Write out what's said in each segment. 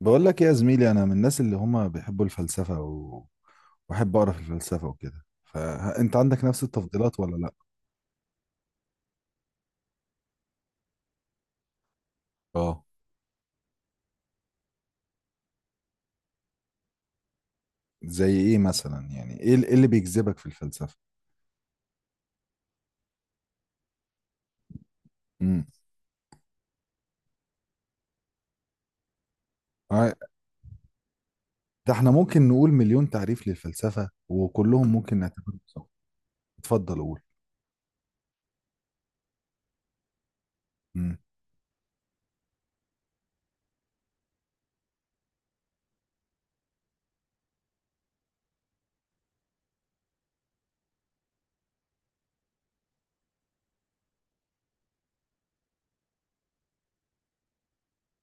بقول لك إيه يا زميلي؟ انا من الناس اللي هم بيحبوا الفلسفه واحب اقرا في الفلسفه وكده. فانت عندك نفس التفضيلات ولا لا؟ اه. زي ايه مثلا؟ يعني ايه إيه اللي بيجذبك في الفلسفه؟ امم آه، ده احنا ممكن نقول مليون تعريف للفلسفه وكلهم ممكن نعتبرهم صح. اتفضل قول. امم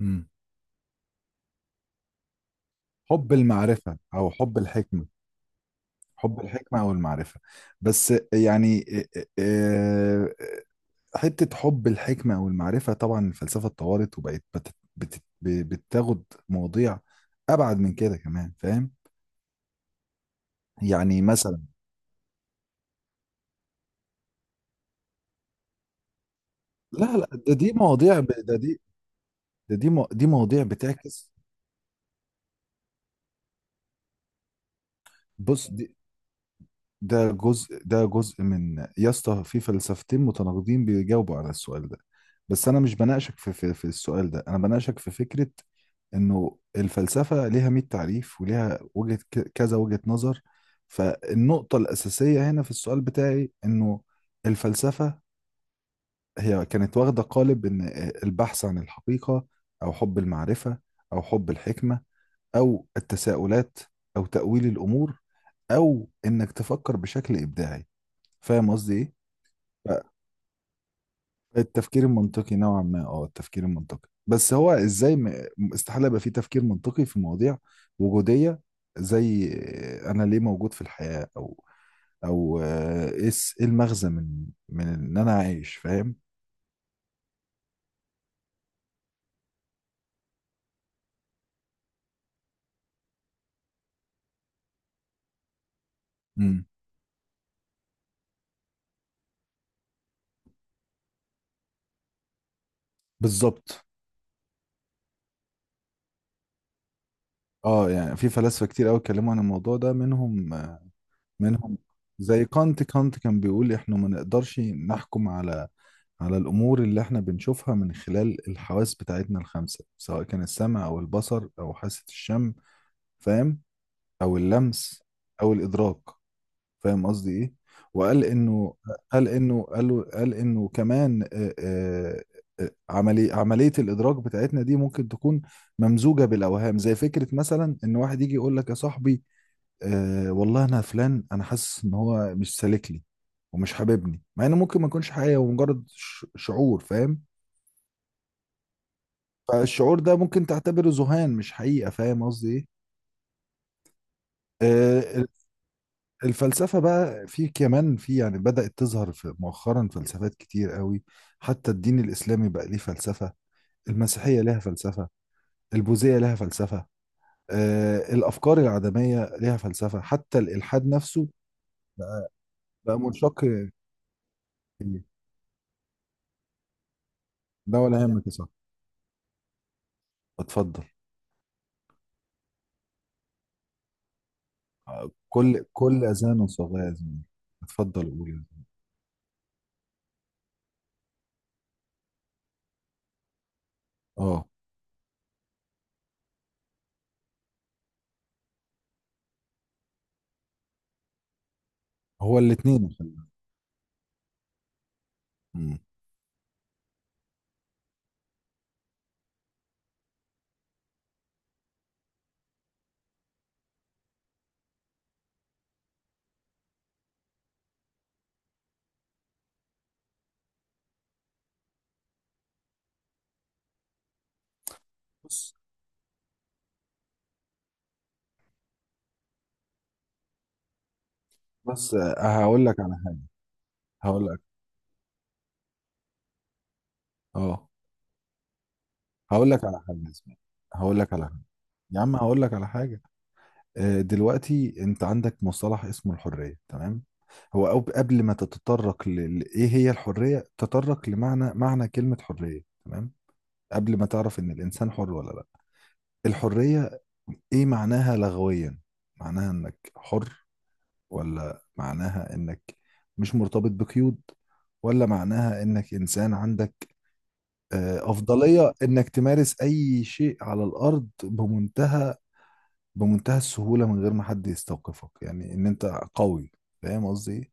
امم حب المعرفه او حب الحكمه. حب الحكمه او المعرفه. بس يعني حتة حب الحكمة والمعرفة، طبعا الفلسفة اتطورت وبقت بتاخد مواضيع أبعد من كده كمان، فاهم؟ يعني مثلا، لا لا، دي مواضيع ب... ده دي ده دي مو... دي مواضيع بتعكس. بص، دي ده جزء من، يا اسطى، في فلسفتين متناقضين بيجاوبوا على السؤال ده. بس أنا مش بناقشك في السؤال ده، أنا بناقشك في فكرة انه الفلسفه ليها 100 تعريف وليها وجهه كذا وجهه نظر. فالنقطه الاساسيه هنا في السؤال بتاعي انه الفلسفه هي كانت واخده قالب ان البحث عن الحقيقه، او حب المعرفه، او حب الحكمه، او التساؤلات، او تاويل الامور، او انك تفكر بشكل ابداعي. فاهم قصدي ايه؟ التفكير المنطقي نوعا ما، اه التفكير المنطقي، بس هو ازاي استحالة يبقى فيه تفكير منطقي في مواضيع وجودية، زي انا ليه موجود في الحياة، او ايه إيه المغزى من ان انا عايش، فاهم؟ امم. بالظبط. اه، يعني في فلاسفة كتير قوي اتكلموا عن الموضوع ده، منهم زي كان بيقول احنا ما نقدرش نحكم على على الأمور اللي احنا بنشوفها من خلال الحواس بتاعتنا الخمسة، سواء كان السمع أو البصر أو حاسة الشم، فاهم، أو اللمس أو الإدراك. فاهم قصدي إيه؟ وقال إنه قال إنه كمان عملية الإدراك بتاعتنا دي ممكن تكون ممزوجة بالأوهام، زي فكرة مثلا إن واحد يجي يقول لك: يا صاحبي، آه والله، أنا فلان، أنا حاسس إن هو مش سالك لي ومش حاببني، مع إنه ممكن ما يكونش حقيقة ومجرد شعور، فاهم؟ فالشعور ده ممكن تعتبره ذهان مش حقيقة. فاهم قصدي ايه؟ آه، الفلسفة بقى في كمان في، يعني بدأت تظهر في مؤخرا فلسفات كتير قوي. حتى الدين الإسلامي بقى ليه فلسفة، المسيحية لها فلسفة، البوذية لها فلسفة، الأفكار العدمية لها فلسفة، حتى الإلحاد نفسه بقى منشق فيه. ده ولا يهمك يا صاحبي، اتفضل. كل أذان صاغية يا زميلي، اتفضل قول يا زميلي. اه. هو الاتنين خلي بالك. مم. بص. بس هقول لك على حاجة. هقول لك. اه. هقول لك على حاجه اسمها، هقول لك على حاجه، يا عم هقول لك على حاجه. دلوقتي انت عندك مصطلح اسمه الحريه، تمام؟ هو قبل ما تتطرق ل ايه هي الحريه، تطرق لمعنى معنى كلمه حريه، تمام. قبل ما تعرف ان الانسان حر ولا لا، الحريه ايه معناها لغويا؟ معناها انك حر، ولا معناها انك مش مرتبط بقيود، ولا معناها انك انسان عندك أفضلية إنك تمارس أي شيء على الأرض بمنتهى بمنتهى السهولة، من غير ما حد يستوقفك، يعني إن أنت قوي. فاهم قصدي إيه؟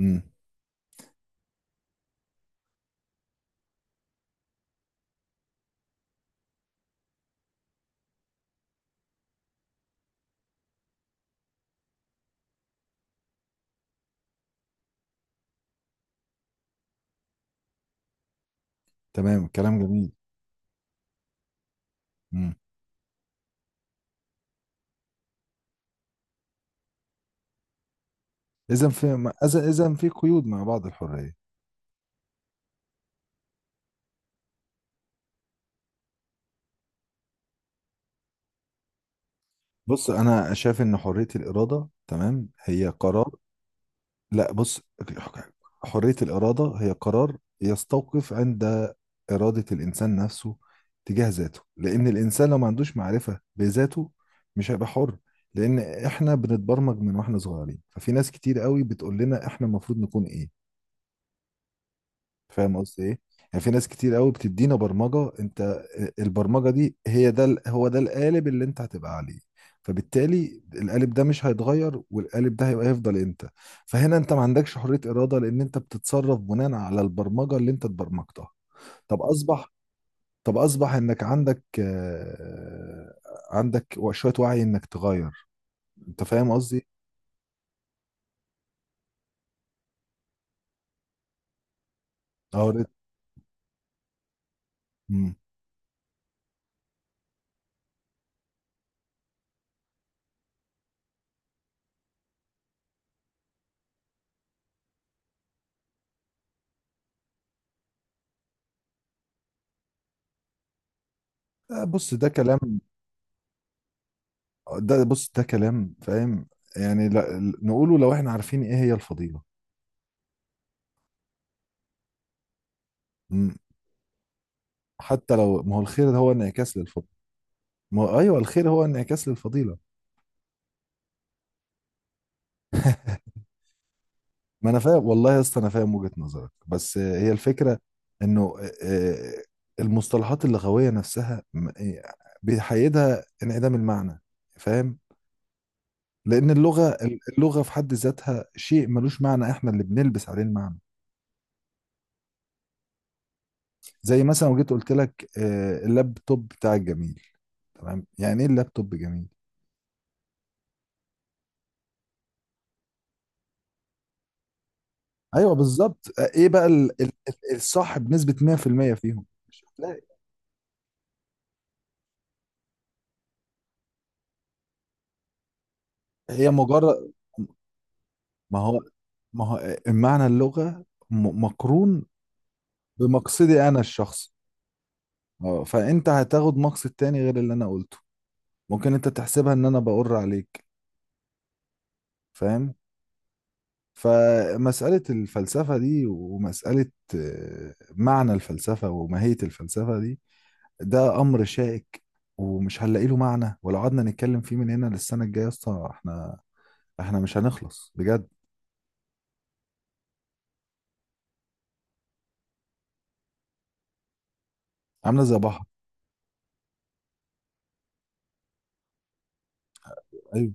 امم. تمام، كلام جميل. امم. إذا في إذا في قيود مع بعض الحرية. بص، أنا شايف إن حرية الإرادة، تمام، هي قرار. لا بص، حرية الإرادة هي قرار يستوقف عند إرادة الإنسان نفسه تجاه ذاته. لأن الإنسان لو ما عندوش معرفة بذاته مش هيبقى حر. لأن إحنا بنتبرمج من وإحنا صغيرين، ففي ناس كتير قوي بتقول لنا إحنا المفروض نكون إيه. فاهم قصدي ايه؟ يعني في ناس كتير قوي بتدينا برمجة. انت البرمجة دي هي هو ده القالب اللي انت هتبقى عليه. فبالتالي القالب ده مش هيتغير، والقالب ده هيفضل انت. فهنا انت ما عندكش حرية إرادة، لان انت بتتصرف بناء على البرمجة اللي انت اتبرمجتها. طب اصبح طب اصبح انك عندك عندك شوية وعي انك تغير انت، فاهم قصدي؟ اه. مم. بص ده كلام، ده كلام، فاهم؟ يعني لا نقوله لو احنا عارفين ايه هي الفضيلة. م- حتى لو، ما هو الخير ده هو انعكاس للفضيلة. ما هو ايوه، الخير هو انعكاس للفضيلة. ما انا فاهم والله يا اسطى، انا فاهم وجهة نظرك، بس هي الفكرة انه آه، المصطلحات اللغوية نفسها بيحيدها انعدام المعنى، فاهم؟ لان اللغة، اللغة في حد ذاتها شيء ملوش معنى، احنا اللي بنلبس عليه المعنى. زي مثلا لو جيت قلت لك اللابتوب بتاع الجميل، تمام، يعني ايه اللابتوب جميل؟ ايوه بالظبط. ايه بقى الصح بنسبة 100% فيهم؟ مش هتلاقي. هي مجرد، ما هو ما هو آه، معنى اللغة مقرون بمقصدي انا الشخصي. اه، فانت هتاخد مقصد تاني غير اللي انا قلته، ممكن انت تحسبها ان انا بقر عليك، فاهم؟ فمسألة الفلسفة دي، ومسألة معنى الفلسفة وماهية الفلسفة دي، ده امر شائك ومش هنلاقي له معنى. ولو قعدنا نتكلم فيه من هنا للسنه الجايه يا اسطى، احنا مش هنخلص بجد. عامله زي بحر. ايوه.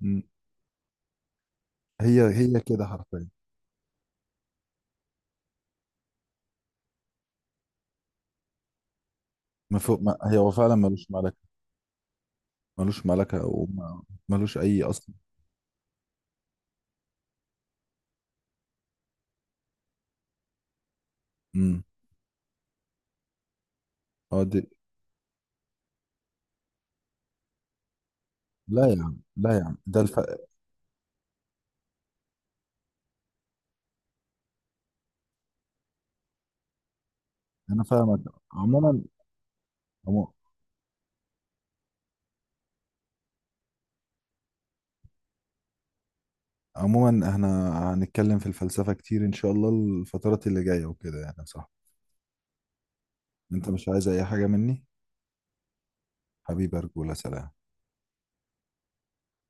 م. هي هي كده حرفيا. ما فوق ما هي هو فعلا ملوش ملكه. ملوش ملكه وملوش اي اصلا. امم. هو دي، لا يا عم، لا يا عم، انا فاهمك. عموما، عمو- عموما احنا هنتكلم في الفلسفه كتير ان شاء الله الفترات اللي جايه وكده، يعني صح؟ انت مش عايز اي حاجه مني؟ حبيبي، ارجوله، سلام.